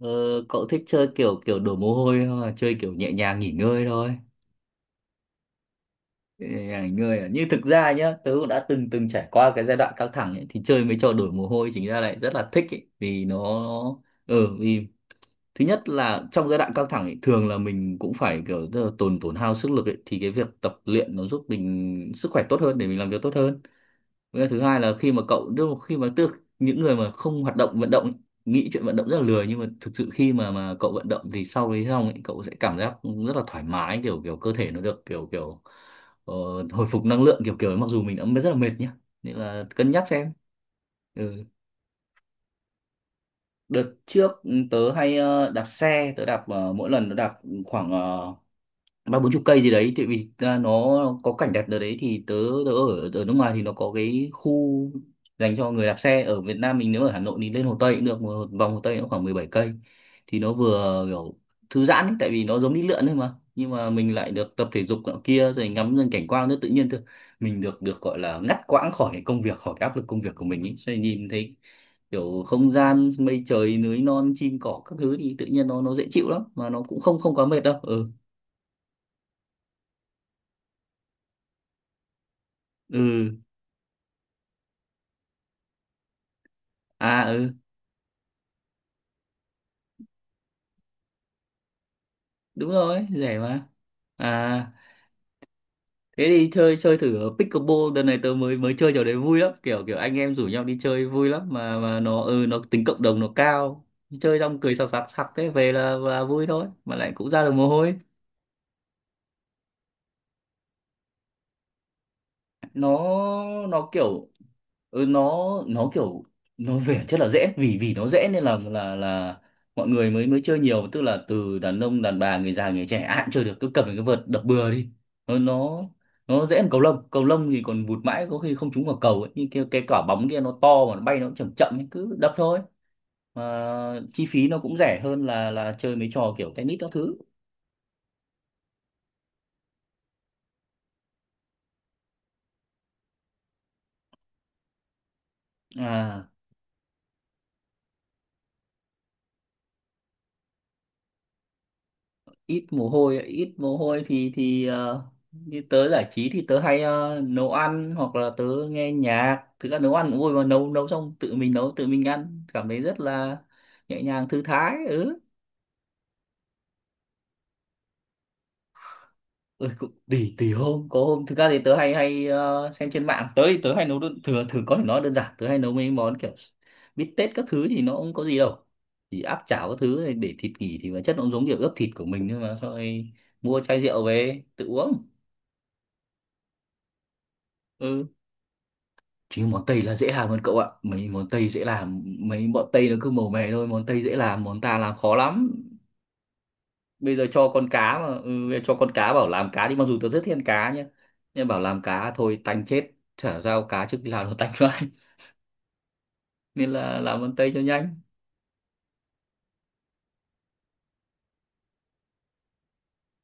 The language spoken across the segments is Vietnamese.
Ờ, Cậu thích chơi kiểu kiểu đổ mồ hôi không, là chơi kiểu nhẹ nhàng nghỉ ngơi thôi? Nhẹ nhàng nghỉ ngơi à? Như thực ra nhá, tớ cũng đã từng từng trải qua cái giai đoạn căng thẳng ấy, thì chơi mấy trò đổ mồ hôi chính ra lại rất là thích ấy. Vì nó, vì thứ nhất là trong giai đoạn căng thẳng ấy, thường là mình cũng phải kiểu tức là tổn hao sức lực ấy, thì cái việc tập luyện nó giúp mình sức khỏe tốt hơn để mình làm việc tốt hơn. Với cả thứ hai là, khi mà cậu tức là khi mà tức những người mà không hoạt động vận động ấy, nghĩ chuyện vận động rất là lười, nhưng mà thực sự khi mà cậu vận động thì sau đấy xong ấy, cậu sẽ cảm giác rất là thoải mái, kiểu kiểu cơ thể nó được kiểu kiểu ờ, hồi phục năng lượng kiểu kiểu ấy, mặc dù mình đã rất là mệt nhá. Nên là cân nhắc xem. Ừ. Đợt trước tớ hay đạp xe, tớ đạp mỗi lần tớ đạp khoảng ba bốn chục cây gì đấy, tại vì à, nó có cảnh đẹp ở đấy. Thì tớ ở ở nước ngoài thì nó có cái khu dành cho người đạp xe. Ở Việt Nam mình, nếu ở Hà Nội thì lên Hồ Tây cũng được, một vòng Hồ Tây nó khoảng 17 cây, thì nó vừa kiểu thư giãn ấy, tại vì nó giống đi lượn thôi mà, nhưng mà mình lại được tập thể dục nọ kia, rồi ngắm dần cảnh quan rất tự nhiên thôi, mình được được gọi là ngắt quãng khỏi cái công việc, khỏi cái áp lực công việc của mình ấy. Cho nên nhìn thấy kiểu không gian mây trời, núi non, chim cỏ các thứ thì tự nhiên nó dễ chịu lắm, mà nó cũng không không quá mệt đâu. Ừ. Ừ. À, ừ, đúng rồi, rẻ mà. À, thế đi chơi chơi thử ở pickleball. Đợt này tớ mới mới chơi trò đấy, vui lắm, kiểu kiểu anh em rủ nhau đi chơi vui lắm, mà nó, nó tính cộng đồng nó cao. Chơi xong cười sặc sặc sặc, thế về là vui thôi, mà lại cũng ra được mồ hôi. nó nó kiểu, ừ, nó nó kiểu nó về rất là dễ. Vì vì nó dễ nên là mọi người mới mới chơi nhiều, tức là từ đàn ông đàn bà, người già người trẻ ai cũng chơi được, cứ cầm được cái vợt đập bừa đi. Nó nó nó dễ hơn cầu lông, cầu lông thì còn vụt mãi có khi không trúng vào cầu ấy. Nhưng cái quả bóng kia nó to, mà nó bay nó cũng chậm chậm ấy, cứ đập thôi. Mà chi phí nó cũng rẻ hơn là chơi mấy trò kiểu tennis các thứ. À, ít mồ hôi. Ít mồ hôi thì như tớ giải trí thì tớ hay nấu ăn, hoặc là tớ nghe nhạc. Thực ra nấu ăn cũng vui mà, nấu nấu xong tự mình nấu tự mình ăn cảm thấy rất là nhẹ nhàng thư thái. Ừ. Ừ, cũng tùy tùy hôm, có hôm thực ra thì tớ hay hay ờ, xem trên mạng. Tớ thì tớ hay thường thường có thể nói đơn giản, tớ hay nấu mấy món kiểu bít tết các thứ thì nó không có gì đâu, thì áp chảo các thứ này, để thịt nghỉ thì bản chất nó cũng giống kiểu ướp thịt của mình. Nhưng mà sau rồi mua chai rượu về tự uống. Ừ, chứ món Tây là dễ làm hơn cậu ạ. Mấy món Tây dễ làm, mấy bọn Tây nó cứ màu mè thôi, món Tây dễ làm, món ta làm khó lắm. Bây giờ cho con cá mà, ừ, bây giờ cho con cá bảo làm cá đi, mặc dù tớ rất thiên cá nhé, nhưng bảo làm cá thôi tanh chết. Chả giao cá, trước khi làm nó tanh vãi. Nên là làm món Tây cho nhanh.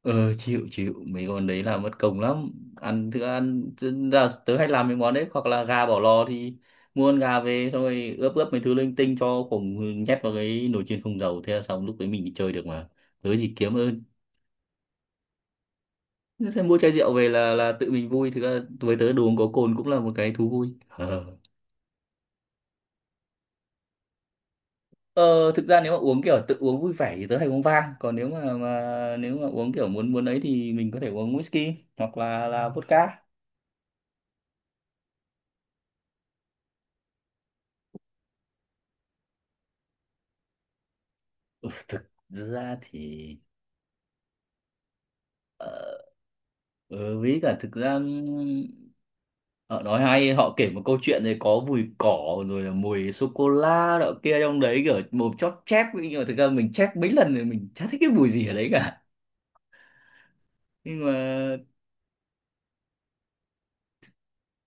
Ờ, chịu chịu mấy món đấy là mất công lắm. Ăn thức ăn chứ ra, tớ hay làm mấy món đấy, hoặc là gà bỏ lò thì mua con gà về xong rồi ướp ướp mấy thứ linh tinh cho khổng, nhét vào cái nồi chiên không dầu thế là xong, lúc đấy mình đi chơi được mà. Tớ gì kiếm ơn. Thế Thế mua chai rượu về là tự mình vui, thực ra với tớ đồ uống có cồn cũng là một cái thú vui. Ờ. Ờ, thực ra nếu mà uống kiểu tự uống vui vẻ thì tớ hay uống vang, còn nếu mà uống kiểu muốn muốn ấy thì mình có thể uống whisky hoặc là vodka. Ừ, thực ra thì Ờ, Ừ, với cả thực ra, họ nói hay, họ kể một câu chuyện này có mùi cỏ rồi là mùi sô cô la đọ kia trong đấy, kiểu mồm chóp chép, nhưng mà thực ra mình chép mấy lần rồi mình chả thích cái mùi gì ở đấy cả. Nhưng mà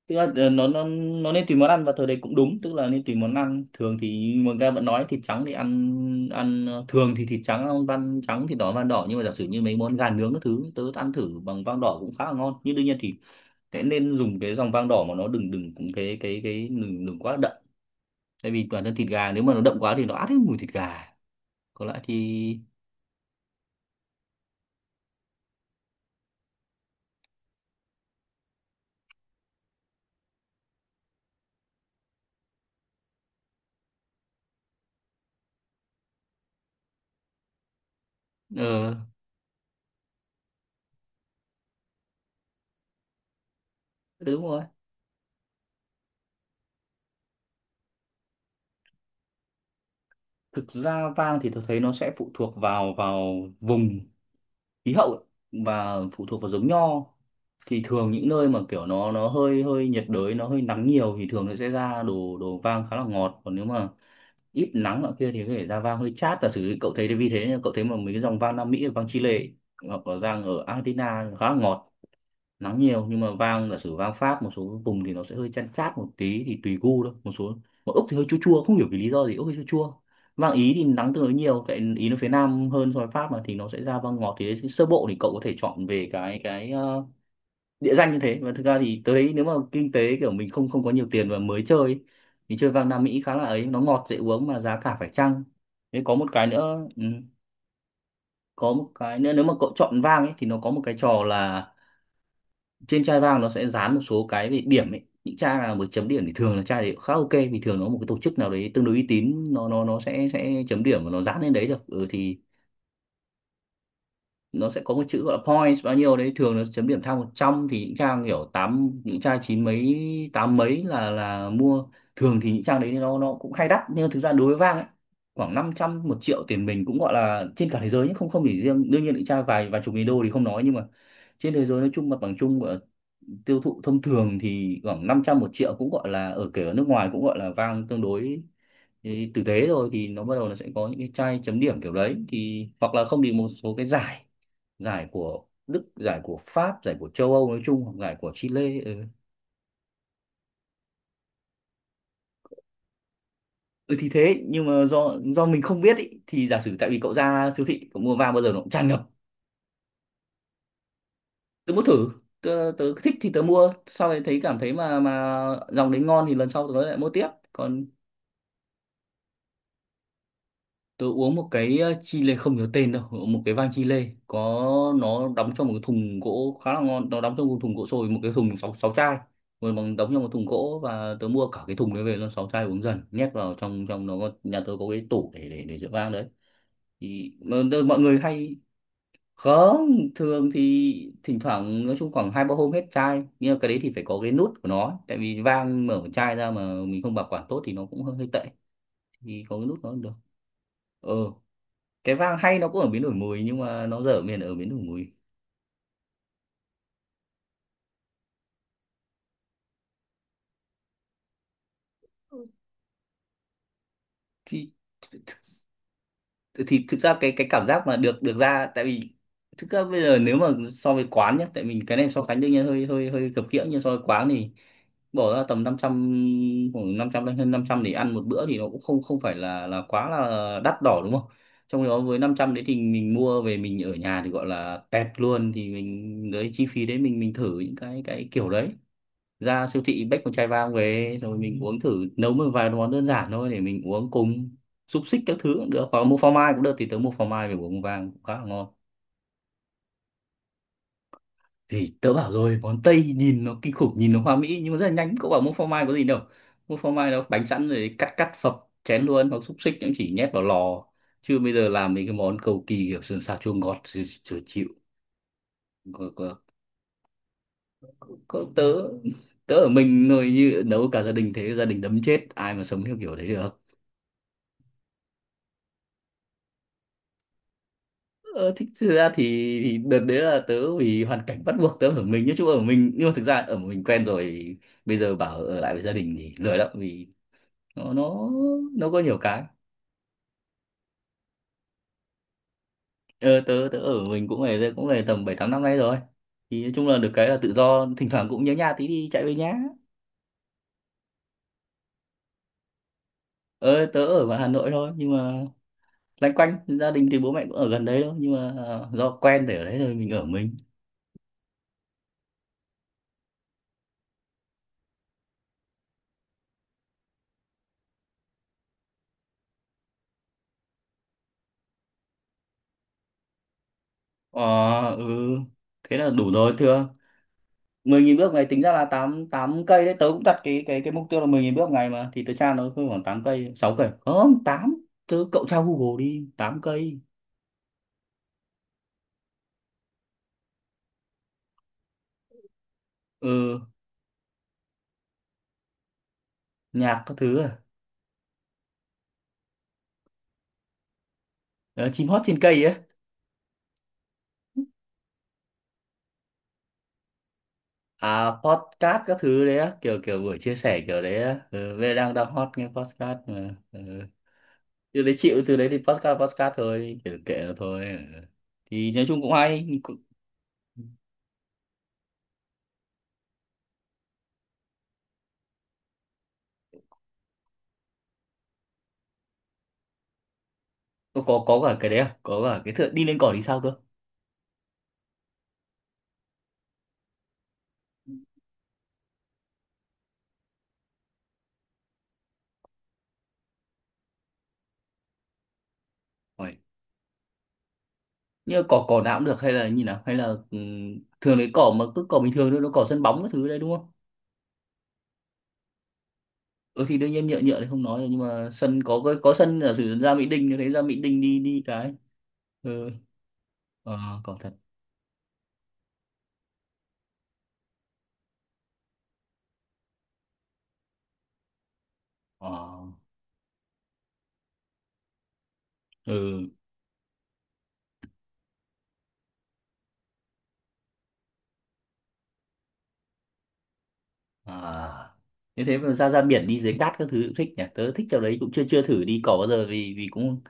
tức là nó nên tùy món ăn, và thời đấy cũng đúng, tức là nên tùy món ăn. Thường thì người ta vẫn nói thịt trắng thì ăn ăn thường thì thịt trắng ăn van trắng, thịt đỏ ăn van đỏ. Nhưng mà giả sử như mấy món gà nướng các thứ tớ ăn thử bằng van đỏ cũng khá là ngon, nhưng đương nhiên thì thế nên dùng cái dòng vang đỏ mà nó đừng đừng cũng cái đừng đừng quá đậm. Tại vì toàn thân thịt gà, nếu mà nó đậm quá thì nó át hết mùi thịt gà. Còn lại thì ờ ừ, đúng rồi. Thực ra vang thì tôi thấy nó sẽ phụ thuộc vào vào vùng khí hậu và phụ thuộc vào giống nho. Thì thường những nơi mà kiểu nó hơi hơi nhiệt đới, nó hơi nắng nhiều thì thường nó sẽ ra đồ đồ vang khá là ngọt. Còn nếu mà ít nắng nọ kia thì có thể ra vang hơi chát. Giả sử cậu thấy, thì vì thế cậu thấy mà mấy cái dòng vang Nam Mỹ, vang Chile ấy, hoặc là vang ở Argentina khá là ngọt, nắng nhiều. Nhưng mà vang, giả sử vang Pháp một số vùng thì nó sẽ hơi chăn chát một tí, thì tùy gu thôi. Một số, mà Úc thì hơi chua chua, không hiểu vì lý do gì, Úc hơi chua chua. Vang Ý thì nắng tương đối nhiều, tại Ý nó phía Nam hơn so với Pháp mà, thì nó sẽ ra vang ngọt. Thì đấy, sơ bộ thì cậu có thể chọn về cái địa danh như thế. Và thực ra thì tới đấy, nếu mà kinh tế kiểu mình không không có nhiều tiền và mới chơi ấy, thì chơi vang Nam Mỹ khá là ấy, nó ngọt dễ uống mà giá cả phải chăng. Thế có một cái nữa, nếu mà cậu chọn vang ấy thì nó có một cái trò là trên chai vang nó sẽ dán một số cái về điểm ấy. Những chai nào mà chấm điểm thì thường là chai đấy khá ok, vì thường nó một cái tổ chức nào đấy tương đối uy tín nó sẽ chấm điểm và nó dán lên đấy được. Ừ. Thì nó sẽ có một chữ gọi là points bao nhiêu đấy, thường nó chấm điểm thang 100 thì những trang kiểu tám, những trang chín mấy, tám mấy là mua. Thường thì những trang đấy nó cũng hay đắt, nhưng mà thực ra đối với Vang ấy khoảng 500 1 triệu tiền mình, cũng gọi là trên cả thế giới. Nhưng không không chỉ riêng, đương nhiên những trang vài vài chục nghìn đô thì không nói. Nhưng mà trên thế giới nói chung, mặt bằng chung gọi là tiêu thụ thông thường thì khoảng 500 một triệu, cũng gọi là ở, kể ở nước ngoài cũng gọi là Vang tương đối ý, tử tế rồi, thì nó bắt đầu nó sẽ có những cái chai chấm điểm kiểu đấy. Thì hoặc là không thì một số cái giải, giải của Đức, giải của Pháp, giải của châu Âu nói chung, hoặc giải của Chile. Ừ. Ừ thì thế nhưng mà do mình không biết ý, thì giả sử tại vì cậu ra siêu thị cậu mua vàng bao giờ nó cũng tràn ngập. Tớ muốn thử. Tớ thích thì tớ mua, sau này thấy cảm thấy mà dòng đấy ngon thì lần sau tớ lại mua tiếp. Còn tôi uống một cái chi lê, không nhớ tên đâu, một cái vang chi lê, có nó đóng trong một cái thùng gỗ khá là ngon, nó đóng trong một thùng gỗ sồi, một cái thùng sáu sáu chai, rồi bằng đóng trong một thùng gỗ và tớ mua cả cái thùng đấy về luôn, sáu chai uống dần, nhét vào trong trong nó, có nhà tớ có cái tủ để rượu vang đấy. Thì mà mọi người hay không. Thường thì thỉnh thoảng nói chung khoảng hai ba hôm hết chai, nhưng mà cái đấy thì phải có cái nút của nó, tại vì vang mở chai ra mà mình không bảo quản tốt thì nó cũng hơi tệ, thì có cái nút nó cũng được. Ờ, cái vang hay nó cũng ở biến đổi mùi, nhưng mà nó dở miền ở biến đổi mùi. Ừ. thì thì thực ra cái cảm giác mà được được ra, tại vì thực ra bây giờ nếu mà so với quán nhá, tại mình cái này so sánh đương nhiên hơi hơi hơi khập khiễng, nhưng so với quán thì bỏ ra tầm năm trăm, khoảng 500 đến hơn 500 để ăn một bữa thì nó cũng không không phải là quá là đắt đỏ, đúng không? Trong khi đó với năm trăm đấy thì mình mua về mình ở nhà thì gọi là tẹt luôn, thì mình đấy chi phí đấy mình thử những cái kiểu đấy. Ra siêu thị xách một chai vang về rồi mình uống thử, nấu một vài món đơn giản thôi để mình uống cùng, xúc xích các thứ cũng được, hoặc mua phô mai cũng được, thì tớ mua phô mai về uống vang cũng khá là ngon. Thì tớ bảo rồi, món Tây nhìn nó kinh khủng, nhìn nó hoa mỹ nhưng mà rất là nhanh, cậu bảo mua phô mai có gì đâu, mua phô mai nó bánh sẵn rồi cắt cắt phập chén luôn, hoặc xúc xích cũng chỉ nhét vào lò, chứ bây giờ làm mấy cái món cầu kỳ kiểu sườn xào chua ngọt thì chừa chịu. Có, có, có tớ, tớ ở mình rồi, như nấu cả gia đình thế gia đình đấm chết, ai mà sống theo kiểu đấy được. Ờ, thích thực ra thì đợt đấy là tớ vì hoàn cảnh bắt buộc tớ ở mình, nói chung ở mình, nhưng mà thực ra ở một mình quen rồi, bây giờ bảo ở lại với gia đình thì lười lắm, vì nó nó nó có nhiều cái. Ờ, tớ tớ ở mình cũng về, cũng về tầm bảy tám năm nay rồi, thì nói chung là được cái là tự do, thỉnh thoảng cũng nhớ nhà tí đi chạy về nhà. Ờ, tớ ở ngoài Hà Nội thôi, nhưng mà loanh quanh gia đình thì bố mẹ cũng ở gần đấy thôi, nhưng mà do quen để ở đấy rồi mình ở mình. Ờ. Ừ, thế là đủ rồi thưa. 10.000 bước ngày tính ra là 8 8 cây đấy, tớ cũng đặt cái mục tiêu là 10.000 bước ngày, mà thì tớ tra nó khoảng tám cây, 6 cây, không tám. Tớ cậu tra Google đi, 8 cây. Ừ, nhạc các thứ à? Ờ, chim hót trên cây ấy. À, podcast các thứ đấy á, kiểu kiểu buổi chia sẻ kiểu đấy á. Ừ, bây giờ đang đang hot nghe podcast mà. Ừ. Từ đấy chịu, từ đấy thì podcast, podcast thôi, kiểu kệ nó thôi. Ừ. Thì nói chung cũng hay. Có, có cả cái đấy à? Có cả cái thượng đi lên cỏ thì sao cơ? Ôi, như cỏ, cỏ nào cũng được hay là như nào, hay là thường lấy cỏ mà cứ cỏ bình thường thôi, nó cỏ sân bóng các thứ đấy đúng không? Ừ thì đương nhiên nhựa, thì không nói rồi, nhưng mà sân có, có sân giả sử ra Mỹ Đình thì thấy ra Mỹ Đình đi đi cái. Ừ. Ờ, cỏ thật. Ờ. Ừ. À, như thế mà ra ra biển đi dưới cát các thứ cũng thích nhỉ, tớ thích chỗ đấy, cũng chưa chưa thử đi cỏ bao giờ, vì vì cũng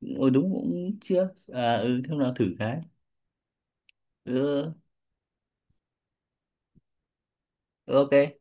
ừ, đúng, cũng chưa. À ừ, thế nào thử cái. Ừ, ok.